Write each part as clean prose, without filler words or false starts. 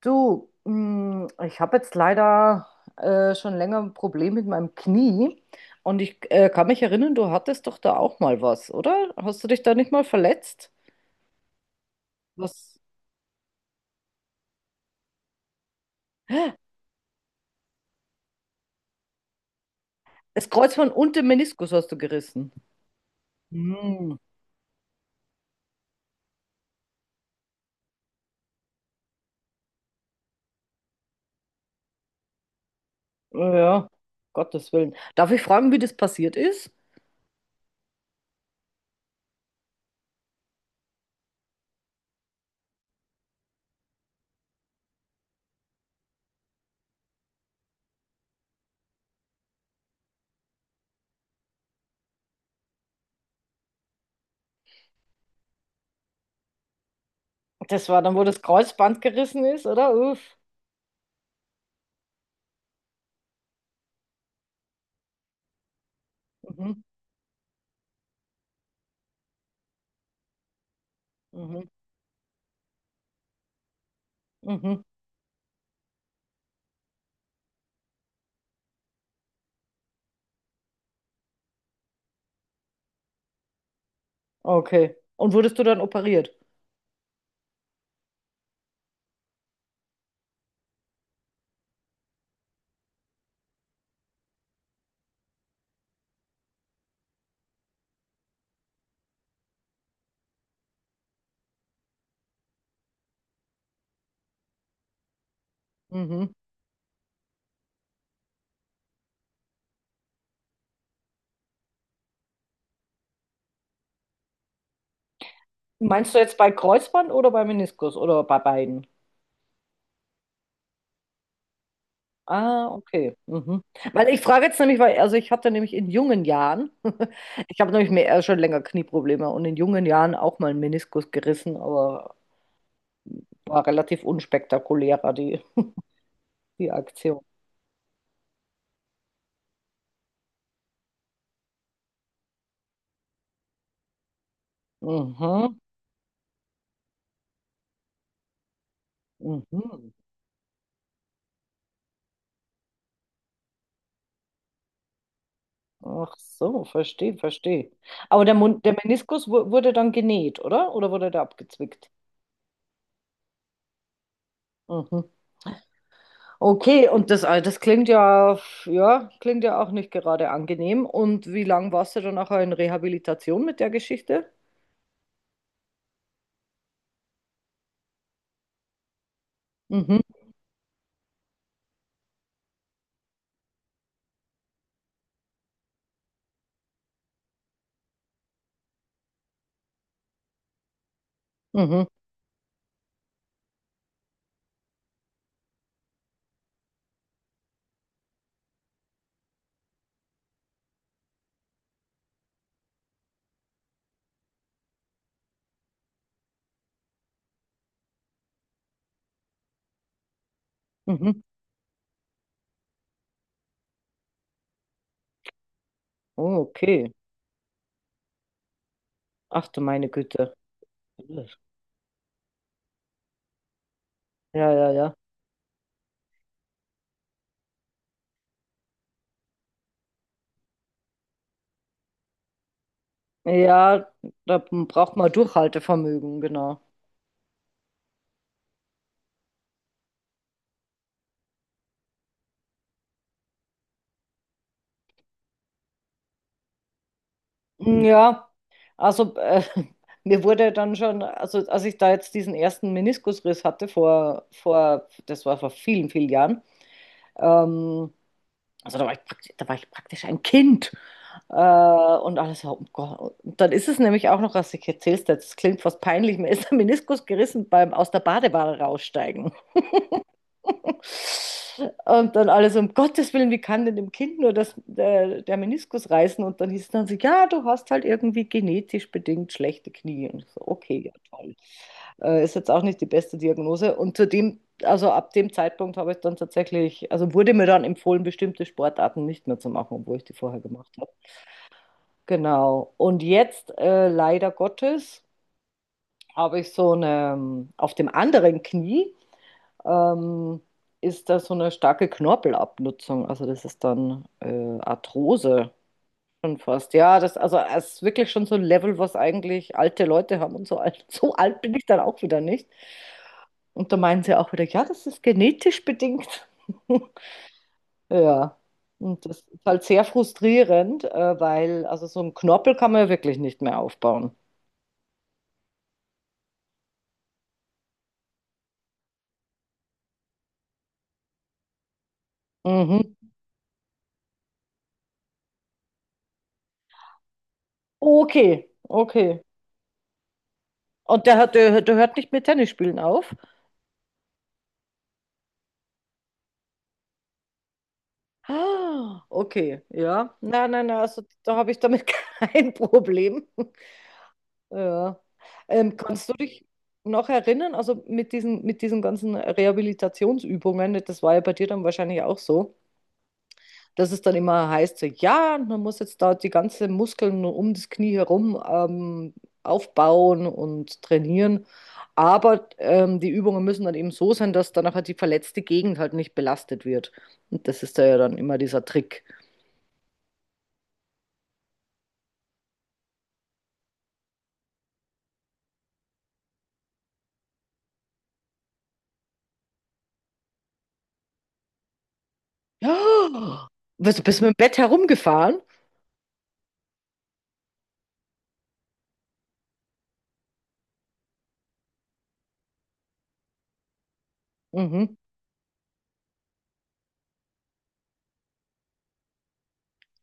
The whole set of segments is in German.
Du, ich habe jetzt leider schon länger ein Problem mit meinem Knie und ich kann mich erinnern, du hattest doch da auch mal was, oder? Hast du dich da nicht mal verletzt? Was? Das Kreuzband und den Meniskus hast du gerissen. Hm, ja, Gottes Willen. Darf ich fragen, wie das passiert ist? Das war dann, wo das Kreuzband gerissen ist, oder? Uff. Mhm, mhm, mhm. Okay. Und wurdest du dann operiert? Mhm. Meinst du jetzt bei Kreuzband oder bei Meniskus oder bei beiden? Ah, okay. Mhm. Weil ich frage jetzt nämlich, weil, also ich hatte nämlich in jungen Jahren, ich habe nämlich mehr, schon länger Knieprobleme und in jungen Jahren auch mal einen Meniskus gerissen, aber war relativ unspektakulärer, die Aktion. Mhm. Mhm. Ach so, verstehe, verstehe. Aber der Mund, der Meniskus wurde dann genäht, oder? Oder wurde der abgezwickt? Mhm. Okay, und das klingt ja, ja, klingt ja auch nicht gerade angenehm. Und wie lang warst du dann nachher in Rehabilitation mit der Geschichte? Mhm, mhm, mhm. Oh, okay. Ach du meine Güte. Ja, ja, ja. Ja, da braucht man Durchhaltevermögen, genau. Hm, ja, also mir wurde dann schon, also als ich da jetzt diesen ersten Meniskusriss hatte vor, das war vor vielen, vielen Jahren, ähm, also da war ich praktisch ein Kind. Äh, und alles, oh Gott. Und dann ist es nämlich auch noch, was ich erzählst, das klingt fast peinlich, mir ist der Meniskus gerissen beim aus der Badewanne raussteigen. Und dann alles, um Gottes Willen, wie kann denn dem Kind nur das, der Meniskus reißen? Und dann hieß es dann so, ja, du hast halt irgendwie genetisch bedingt schlechte Knie. Und ich so, okay, ja, toll. Ist jetzt auch nicht die beste Diagnose. Und zudem, also ab dem Zeitpunkt habe ich dann tatsächlich, also wurde mir dann empfohlen, bestimmte Sportarten nicht mehr zu machen, obwohl ich die vorher gemacht habe. Genau. Und jetzt, leider Gottes, habe ich so eine, auf dem anderen Knie ähm, ist da so eine starke Knorpelabnutzung. Also das ist dann Arthrose schon fast. Ja, das, also es ist wirklich schon so ein Level, was eigentlich alte Leute haben und so alt. So alt bin ich dann auch wieder nicht. Und da meinen sie auch wieder, ja, das ist genetisch bedingt. Ja, und das ist halt sehr frustrierend, weil also so einen Knorpel kann man ja wirklich nicht mehr aufbauen. Mhm. Okay, okay. Und der, der hört nicht mit Tennis spielen auf? Ah, okay, ja. Nein, nein, nein, also da habe ich damit kein Problem. Ja. Kannst du dich noch erinnern, also mit diesen ganzen Rehabilitationsübungen, das war ja bei dir dann wahrscheinlich auch so, dass es dann immer heißt, so, ja, man muss jetzt da die ganzen Muskeln um das Knie herum aufbauen und trainieren. Aber die Übungen müssen dann eben so sein, dass dann halt die verletzte Gegend halt nicht belastet wird. Und das ist da ja dann immer dieser Trick. Ja, was, bist du mit dem Bett herumgefahren? Mhm,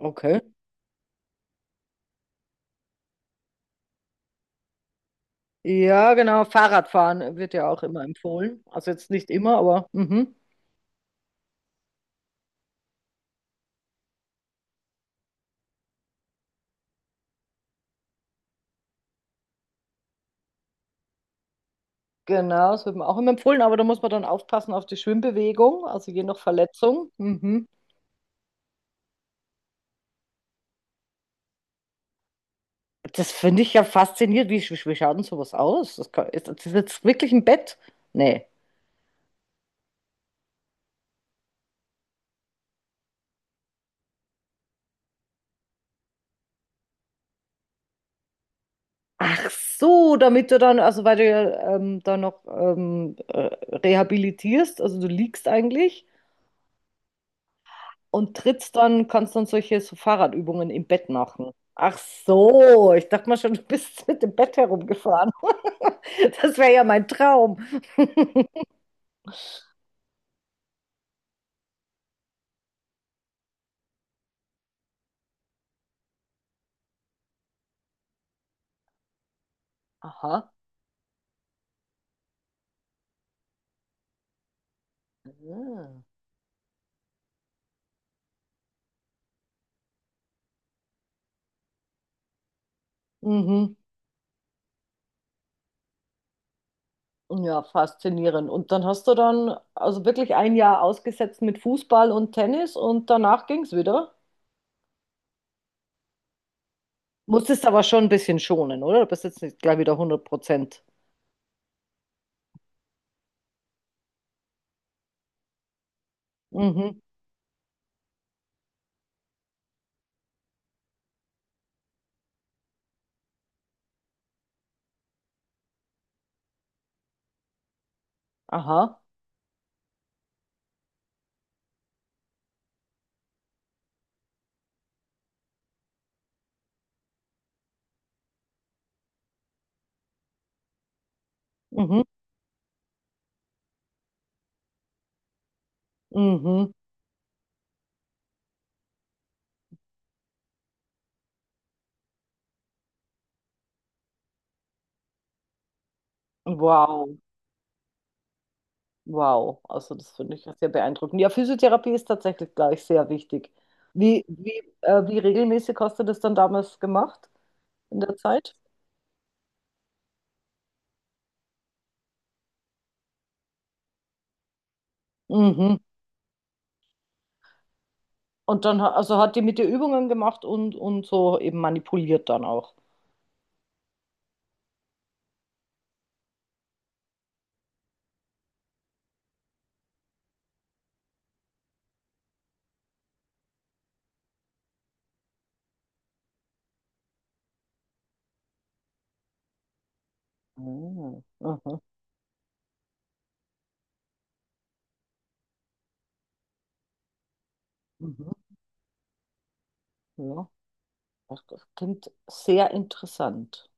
okay. Ja, genau. Fahrradfahren wird ja auch immer empfohlen. Also jetzt nicht immer, aber mhm. Genau, das wird mir auch immer empfohlen, aber da muss man dann aufpassen auf die Schwimmbewegung, also je nach Verletzung. Mhm. Das finde ich ja faszinierend. Wie, wie schaut denn sowas aus? Das kann, ist das jetzt wirklich ein Bett? Nee. Ach so, damit du dann, also weil du ja, da noch rehabilitierst, also du liegst eigentlich und trittst dann, kannst dann solche so Fahrradübungen im Bett machen. Ach so, ich dachte mal schon, du bist mit dem Bett herumgefahren. Das wäre ja mein Traum. Aha. Ah. Mhm. Ja, faszinierend. Und dann hast du dann also wirklich ein Jahr ausgesetzt mit Fußball und Tennis und danach ging es wieder. Musstest aber schon ein bisschen schonen, oder? Du bist jetzt nicht gleich wieder 100%. Mhm. Aha. Mhm. Mhm. Wow. Wow. Also das finde ich ja sehr beeindruckend. Ja, Physiotherapie ist tatsächlich gleich sehr wichtig. Wie, wie, Wie regelmäßig hast du das dann damals gemacht in der Zeit? Mhm. Und dann also hat die mit ihr Übungen gemacht und so eben manipuliert dann auch. Ah, aha. Mhm. Ja, das klingt sehr interessant.